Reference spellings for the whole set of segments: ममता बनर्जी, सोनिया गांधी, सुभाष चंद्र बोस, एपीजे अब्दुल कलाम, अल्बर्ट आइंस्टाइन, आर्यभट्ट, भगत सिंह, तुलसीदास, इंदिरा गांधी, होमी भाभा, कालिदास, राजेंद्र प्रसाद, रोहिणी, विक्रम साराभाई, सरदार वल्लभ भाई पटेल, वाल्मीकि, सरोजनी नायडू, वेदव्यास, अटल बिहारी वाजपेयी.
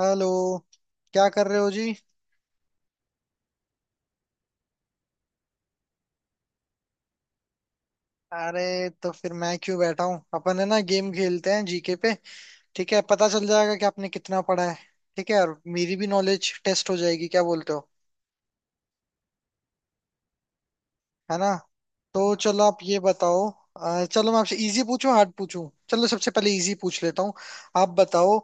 Hello. क्या कर रहे हो जी। अरे तो फिर मैं क्यों बैठा हूँ, अपन है ना, गेम खेलते हैं जीके पे। ठीक है, पता चल जाएगा कि आपने कितना पढ़ा है। ठीक है, और मेरी भी नॉलेज टेस्ट हो जाएगी, क्या बोलते हो। है ना। तो चलो आप ये बताओ। चलो मैं आपसे इजी पूछूं हार्ड पूछूं, चलो सबसे पहले इजी पूछ लेता हूँ। आप बताओ।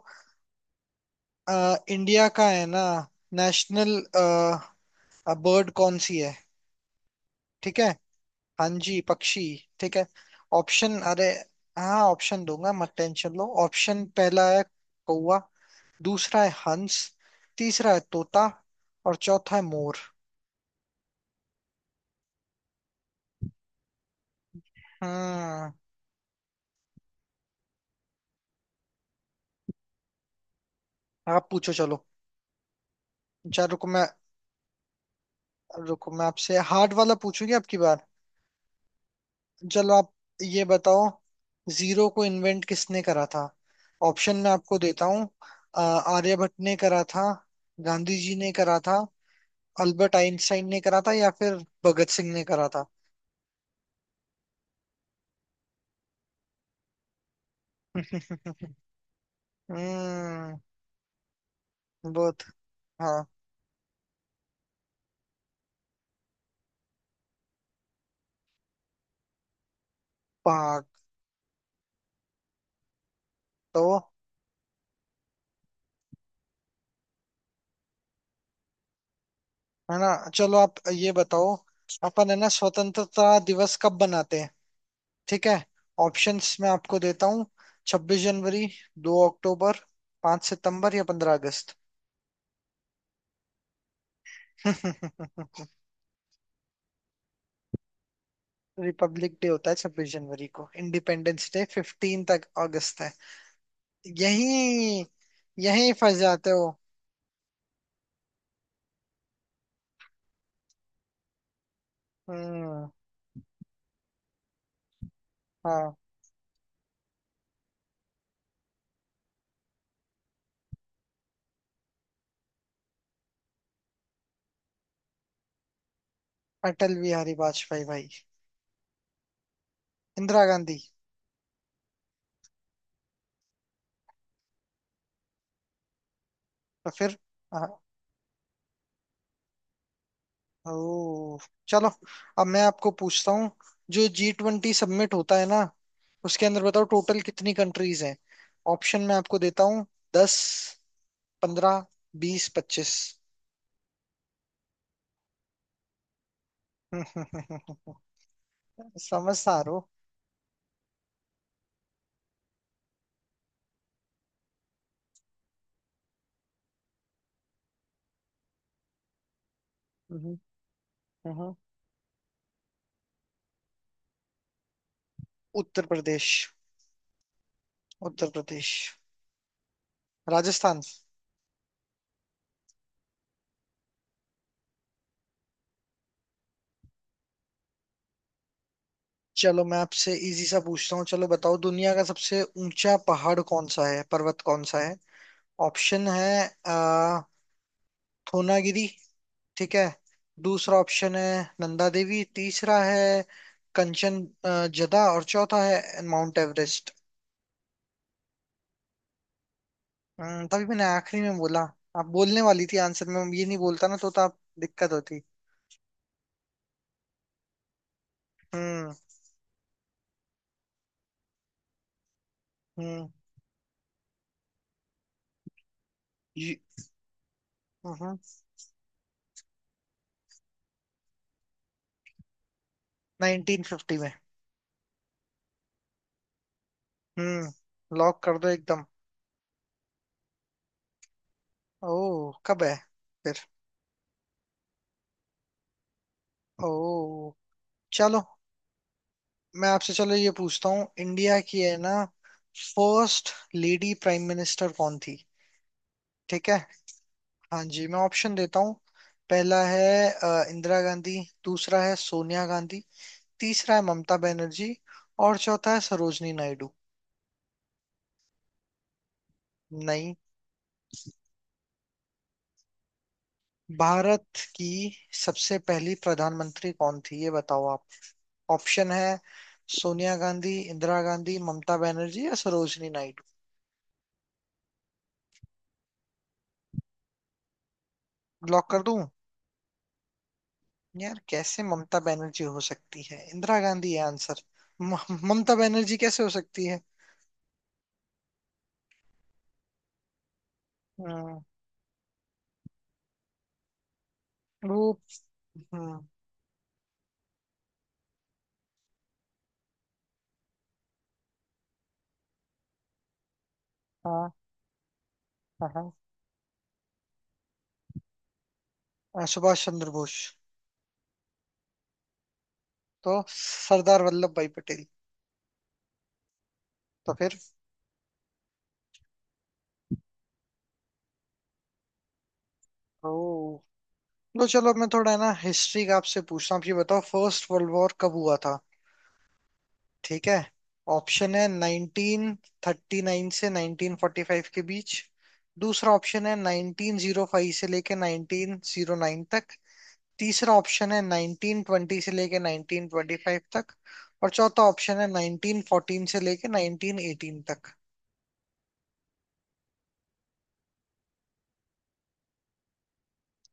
इंडिया का है ना नेशनल बर्ड कौन सी है। ठीक है। हाँ जी, पक्षी। ठीक है। ऑप्शन, अरे। हाँ ऑप्शन दूंगा, मत टेंशन लो, ऑप्शन पहला है कौवा, दूसरा है हंस, तीसरा है तोता, और चौथा है मोर। हम्म। आप पूछो, चलो। अच्छा रुको मैं आपसे हार्ड वाला पूछूंगी आपकी बार। चलो आप ये बताओ। जीरो को इन्वेंट किसने करा था। ऑप्शन मैं आपको देता हूँ। आर्यभट्ट ने करा था, गांधी जी ने करा था, अल्बर्ट आइंस्टाइन ने करा था, या फिर भगत सिंह ने करा था। हम्म। वो तो- हाँ। पाक तो है ना। चलो आप ये बताओ, अपन है ना स्वतंत्रता दिवस कब बनाते हैं। ठीक है। ऑप्शंस मैं आपको देता हूँ, 26 जनवरी, 2 अक्टूबर, 5 सितंबर, या 15 अगस्त। रिपब्लिक डे होता है 26 जनवरी को, इंडिपेंडेंस डे 15 तक अगस्त है। यही यही फंस जाते हो। हम्म। हाँ। अटल बिहारी वाजपेयी भाई। इंदिरा गांधी। तो फिर। हाँ। ओ। चलो। अब मैं आपको पूछता हूँ, जो G20 सबमिट होता है ना उसके अंदर बताओ टोटल कितनी कंट्रीज हैं। ऑप्शन मैं आपको देता हूँ। 10, 15, 20, 25। समझदार हो। हम्म, हम्म। उत्तर प्रदेश। उत्तर प्रदेश। राजस्थान। चलो मैं आपसे इजी सा पूछता हूँ, चलो बताओ दुनिया का सबसे ऊंचा पहाड़ कौन सा है, पर्वत कौन सा है। ऑप्शन है आ, थोनागिरी। ठीक है। दूसरा ऑप्शन है नंदा देवी, तीसरा है कंचन जदा, और चौथा है माउंट एवरेस्ट। तभी मैंने आखिरी में बोला। आप बोलने वाली थी आंसर में, ये नहीं बोलता ना तो आप दिक्कत होती। हम्म हम्म। ये- हम्म। 1950 में। हम्म, लॉक कर दो एकदम। ओ, कब है फिर। ओ। चलो मैं आपसे चलो ये पूछता हूँ, इंडिया की है ना फर्स्ट लेडी प्राइम मिनिस्टर कौन थी। ठीक है। हाँ जी, मैं ऑप्शन देता हूँ। पहला है इंदिरा गांधी, दूसरा है सोनिया गांधी, तीसरा है ममता बनर्जी, और चौथा है सरोजनी नायडू। नहीं। भारत की सबसे पहली प्रधानमंत्री कौन थी ये बताओ आप। ऑप्शन है सोनिया गांधी, इंदिरा गांधी, ममता बनर्जी, या सरोजनी नायडू। लॉक कर दूं। यार कैसे ममता बनर्जी हो सकती है, इंदिरा गांधी है आंसर। ममता बनर्जी कैसे हो सकती है। हम्म, वो। हम्म, हाँ हाँ हाँ। सुभाष चंद्र बोस। तो सरदार वल्लभ भाई पटेल। तो फिर। ओ। लो, चलो मैं थोड़ा है ना हिस्ट्री का आपसे पूछता हूँ, आप ये बताओ फर्स्ट वर्ल्ड वॉर कब हुआ था। ठीक है। ऑप्शन है 1939 से 1945 के बीच, दूसरा ऑप्शन है 1905 से लेके 1909 तक, तीसरा ऑप्शन है 1920 से लेके 1925 तक, और चौथा ऑप्शन है 1914 से लेके 1918 तक।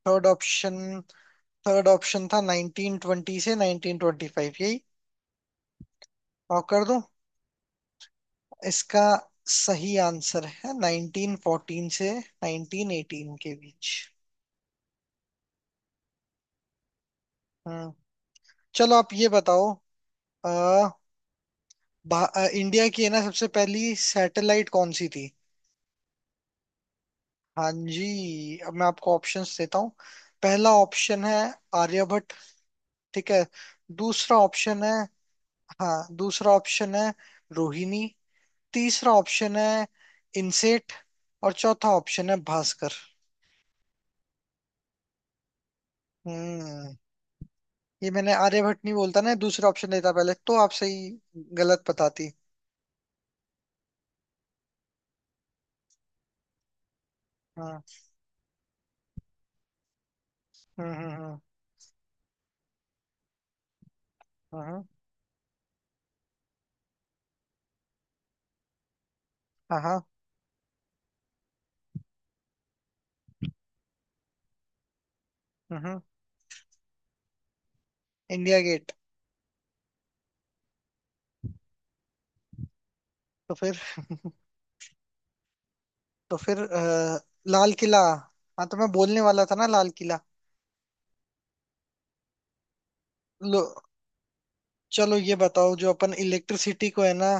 थर्ड ऑप्शन थर्ड ऑप्शन था 1920 से 1925 यही। और कर दूं इसका। सही आंसर है 1914 से 1918 के बीच। हम्म। चलो आप ये बताओ अ, इंडिया की है ना सबसे पहली सैटेलाइट कौन सी थी। हाँ जी, अब मैं आपको ऑप्शंस देता हूँ। पहला ऑप्शन है आर्यभट्ट। ठीक है। दूसरा ऑप्शन है। हाँ दूसरा ऑप्शन है रोहिणी, तीसरा ऑप्शन है इनसेट, और चौथा ऑप्शन है भास्कर। हम्म। ये मैंने आर्यभट्ट नहीं बोलता ना, दूसरा ऑप्शन लेता पहले तो आप सही गलत बताती। हाँ। हम्म। हम्म। हाँ हाँ। हम्म। हम्म। India Gate. तो फिर। तो फिर लाल किला। हाँ तो मैं बोलने वाला था ना लाल किला। लो, चलो ये बताओ जो अपन इलेक्ट्रिसिटी को है ना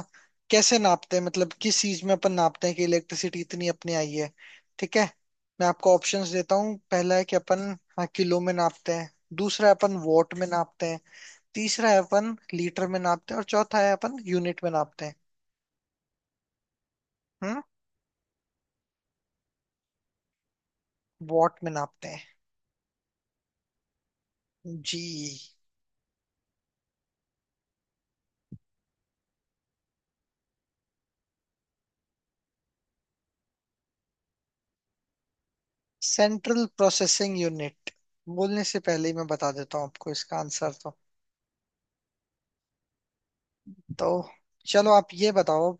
कैसे नापते हैं, मतलब किस चीज में अपन नापते हैं कि इलेक्ट्रिसिटी इतनी अपनी आई है। ठीक है। मैं आपको ऑप्शंस देता हूँ, पहला है कि अपन, हाँ, किलो में नापते हैं, दूसरा है अपन वॉट में नापते हैं, तीसरा है अपन लीटर में नापते हैं, और चौथा है अपन यूनिट में नापते हैं। हम्म। वॉट में नापते हैं। जी। Central processing unit. बोलने से पहले ही मैं बता देता हूँ आपको इसका आंसर तो। तो चलो आप ये बताओ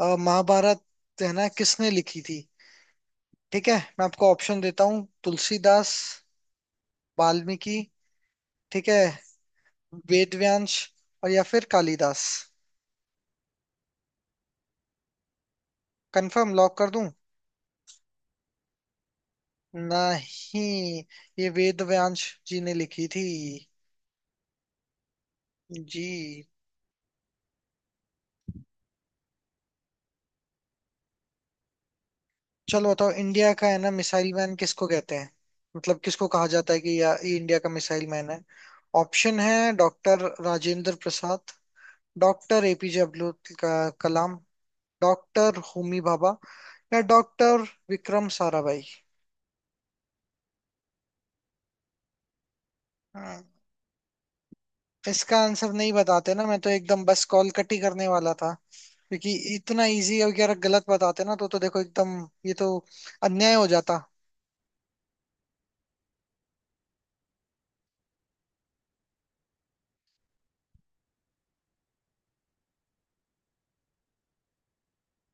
महाभारत है ना किसने लिखी थी। ठीक है। मैं आपको ऑप्शन देता हूँ, तुलसीदास, वाल्मीकि, ठीक है, वेदव्यास, और या फिर कालिदास। कंफर्म लॉक कर दूं। नहीं। ये वेदव्यास जी ने लिखी थी। जी। चलो बताओ इंडिया का है ना मिसाइल मैन किसको कहते हैं, मतलब किसको कहा जाता है कि या ये इंडिया का मिसाइल मैन है। ऑप्शन है doctor राजेंद्र प्रसाद, doctor एपीजे अब्दुल कलाम, doctor होमी भाभा, या डॉक्टर विक्रम साराभाई। हाँ। इसका आंसर नहीं बताते ना, मैं तो एकदम बस कॉल कट ही करने वाला था। क्योंकि इतना इजी अगर गलत बताते ना, तो देखो एकदम ये तो अन्याय हो जाता।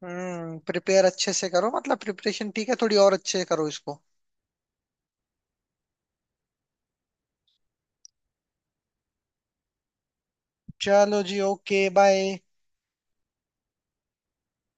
हम्म, प्रिपेयर अच्छे से करो, मतलब प्रिपरेशन ठीक है, थोड़ी और अच्छे से करो इसको। चलो जी, ओके बाय।